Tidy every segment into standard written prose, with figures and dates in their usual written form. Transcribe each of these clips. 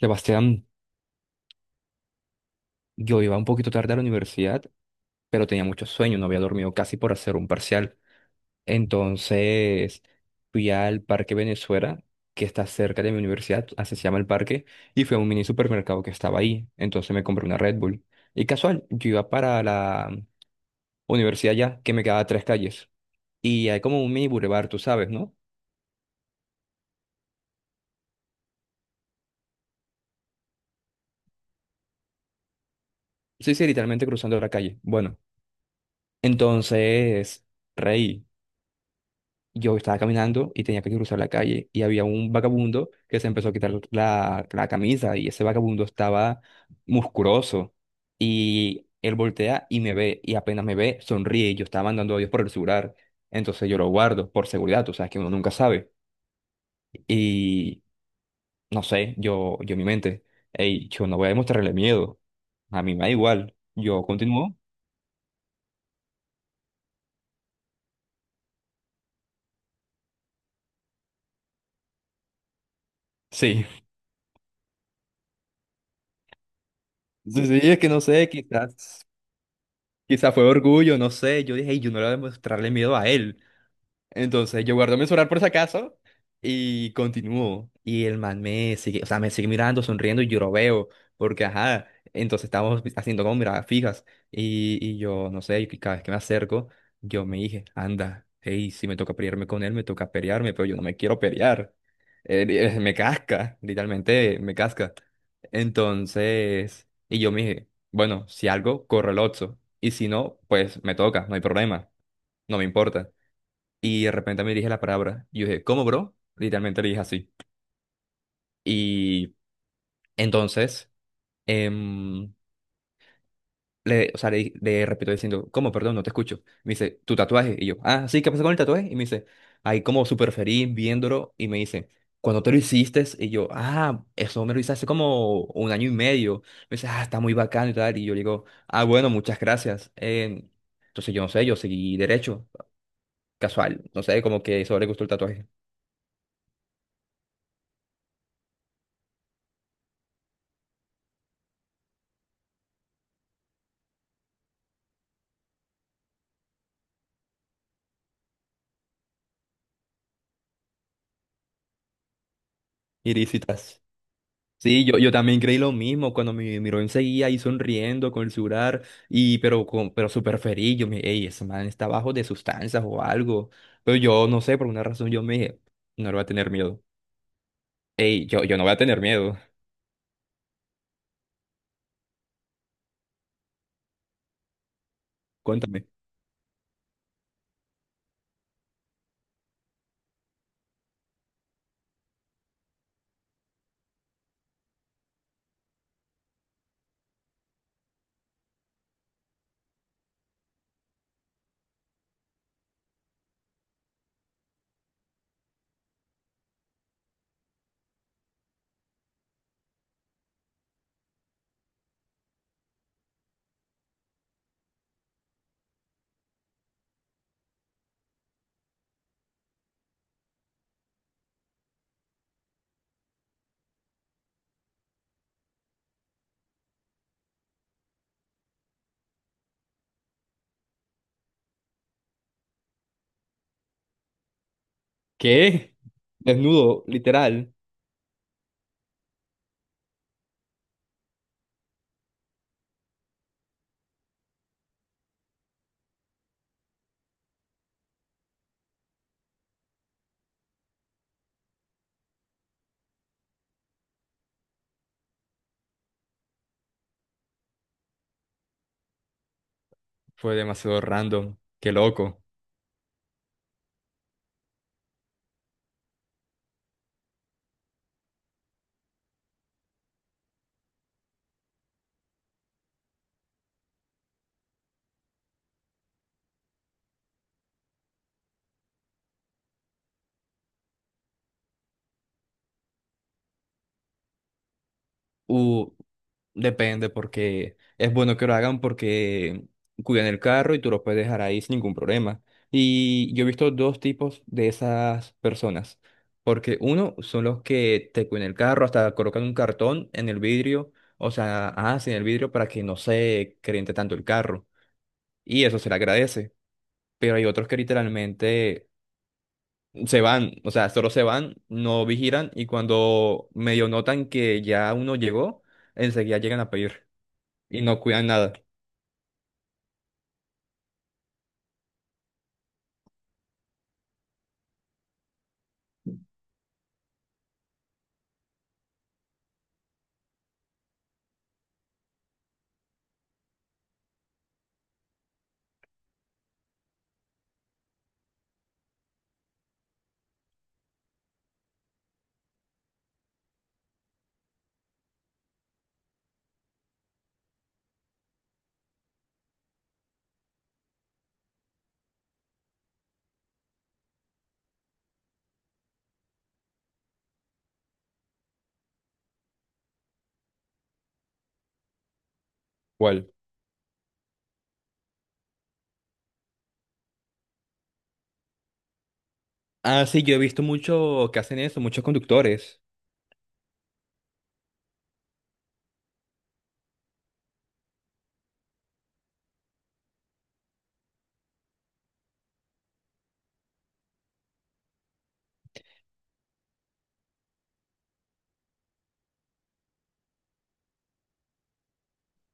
Sebastián, yo iba un poquito tarde a la universidad, pero tenía mucho sueño, no había dormido casi por hacer un parcial. Entonces fui al Parque Venezuela, que está cerca de mi universidad, así se llama el parque, y fui a un mini supermercado que estaba ahí. Entonces me compré una Red Bull. Y casual, yo iba para la universidad ya, que me quedaba a 3 calles. Y hay como un mini bulevar, tú sabes, ¿no? Sí, sí, literalmente cruzando la calle. Bueno, entonces, reí. Yo estaba caminando y tenía que cruzar la calle y había un vagabundo que se empezó a quitar la camisa y ese vagabundo estaba musculoso y él voltea y me ve y apenas me ve sonríe y yo estaba mandando audios por el celular. Entonces yo lo guardo por seguridad, tú sabes que uno nunca sabe. Y no sé, yo en mi mente, hey, yo no voy a demostrarle miedo, a mí me da igual, yo continúo. Sí, sí, sí, es que no sé, quizás fue orgullo, no sé, yo dije, "Ey, yo no le voy a demostrarle miedo a él." Entonces yo guardo mi celular por si acaso y continúo. Y el man me sigue, o sea, me sigue mirando, sonriendo y yo lo veo, porque ajá, entonces estamos haciendo como miradas fijas. Y yo, no sé, y cada vez que me acerco, yo me dije, anda, hey, si me toca pelearme con él, me toca pelearme, pero yo no me quiero pelear. Él me casca, literalmente me casca. Entonces, y yo me dije, bueno, si algo, corre el ocho. Y si no, pues me toca, no hay problema, no me importa. Y de repente me dirige la palabra. Y yo dije, ¿cómo, bro? Literalmente le dije así. Y entonces, em, le, o sea, le, di- le repito diciendo, ¿cómo? Perdón, no te escucho. Me dice, ¿tu tatuaje? Y yo, ah, sí, ¿qué pasó con el tatuaje? Y me dice, ahí como súper feliz viéndolo. Y me dice, ¿cuándo te lo hiciste? Y yo, ah, eso me lo hice hace como un año y medio. Me dice, ah, está muy bacano y tal. Y yo le digo, ah, bueno, muchas gracias. Entonces, yo no sé, yo seguí derecho, casual. No sé, como que eso le gustó el tatuaje. Irisitas. Sí, yo también creí lo mismo cuando mi Miroin seguía ahí sonriendo con el celular, y, pero, con, pero súper feliz. Yo me dije, "Ey, ese man está bajo de sustancias o algo." Pero yo no sé, por una razón yo me dije, no le voy a tener miedo. Ey, yo no voy a tener miedo. Cuéntame. ¿Qué? Desnudo, literal. Fue demasiado random. Qué loco. Uh, depende porque es bueno que lo hagan porque cuidan el carro y tú lo puedes dejar ahí sin ningún problema. Y yo he visto dos tipos de esas personas. Porque uno son los que te cuidan el carro, hasta colocan un cartón en el vidrio, o sea, hacen el vidrio para que no se caliente tanto el carro. Y eso se le agradece. Pero hay otros que literalmente se van, o sea, solo se van, no vigilan y cuando medio notan que ya uno llegó, enseguida llegan a pedir y no cuidan nada. ¿Cuál? Ah, sí, yo he visto mucho que hacen eso, muchos conductores.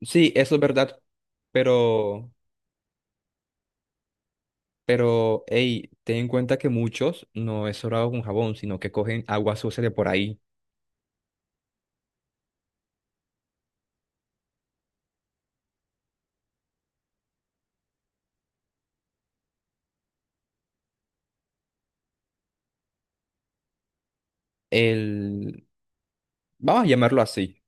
Sí, eso es verdad. Pero, pero, hey, ten en cuenta que muchos no es sobrado con jabón, sino que cogen agua sucia de por ahí. El, vamos a llamarlo así.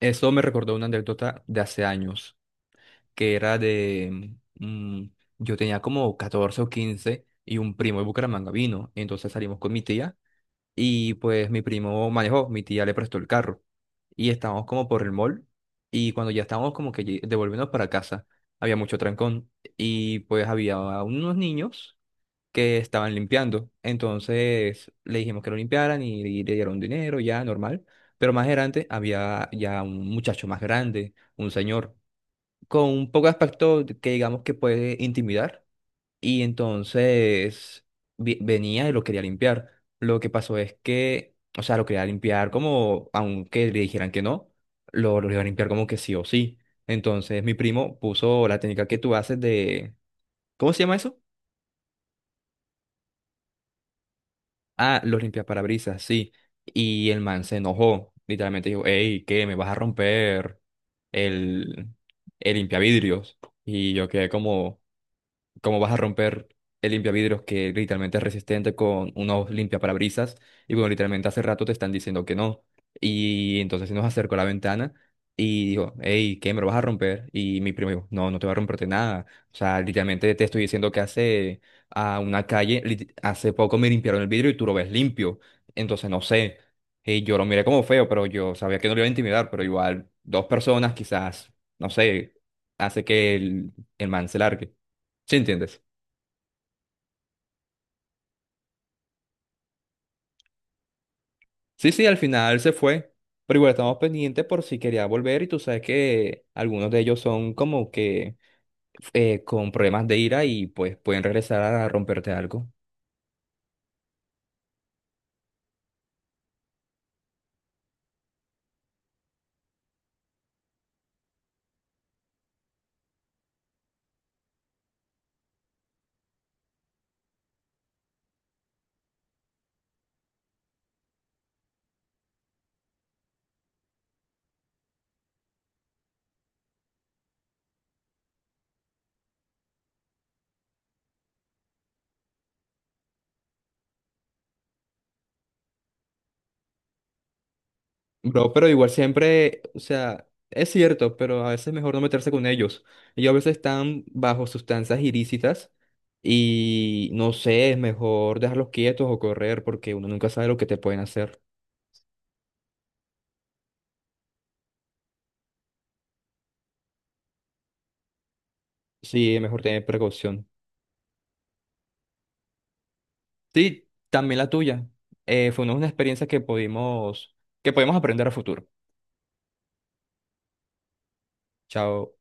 Eso me recordó una anécdota de hace años, que era de, mm, yo tenía como 14 o 15 y un primo de Bucaramanga vino, entonces salimos con mi tía. Y pues mi primo manejó, mi tía le prestó el carro. Y estábamos como por el mall. Y cuando ya estábamos como que devolviéndonos para casa, había mucho trancón. Y pues había unos niños que estaban limpiando. Entonces le dijimos que lo limpiaran y le dieron dinero, ya normal. Pero más adelante había ya un muchacho más grande, un señor, con un poco de aspecto que digamos que puede intimidar y entonces venía y lo quería limpiar. Lo que pasó es que, o sea, lo quería limpiar como, aunque le dijeran que no, lo iba a limpiar como que sí o sí. Entonces mi primo puso la técnica que tú haces de, ¿cómo se llama eso? Ah, los limpiaparabrisas, sí. Y el man se enojó. Literalmente dijo, hey, ¿qué? ¿Me vas a romper el, el limpiavidrios? Y yo quedé como... cómo vas a romper el limpiavidrios que literalmente es resistente con unos limpiaparabrisas y bueno, literalmente hace rato te están diciendo que no. Y entonces se nos acercó a la ventana y dijo, hey, ¿qué me lo vas a romper? Y mi primo dijo, no, no te va a romperte nada. O sea, literalmente te estoy diciendo que hace a una calle, hace poco me limpiaron el vidrio y tú lo ves limpio. Entonces no sé. Y yo lo miré como feo, pero yo sabía que no lo iba a intimidar, pero igual dos personas quizás, no sé, hace que el man se largue. ¿Sí entiendes? Sí, sí, al final se fue, pero igual estamos pendientes por si quería volver y tú sabes que algunos de ellos son como que con problemas de ira y pues pueden regresar a romperte algo. Bro, pero igual siempre, o sea, es cierto, pero a veces es mejor no meterse con ellos. Ellos a veces están bajo sustancias ilícitas y no sé, es mejor dejarlos quietos o correr porque uno nunca sabe lo que te pueden hacer. Sí, es mejor tener precaución. Sí, también la tuya. Fue una experiencia que pudimos, que podemos aprender a futuro. Chao.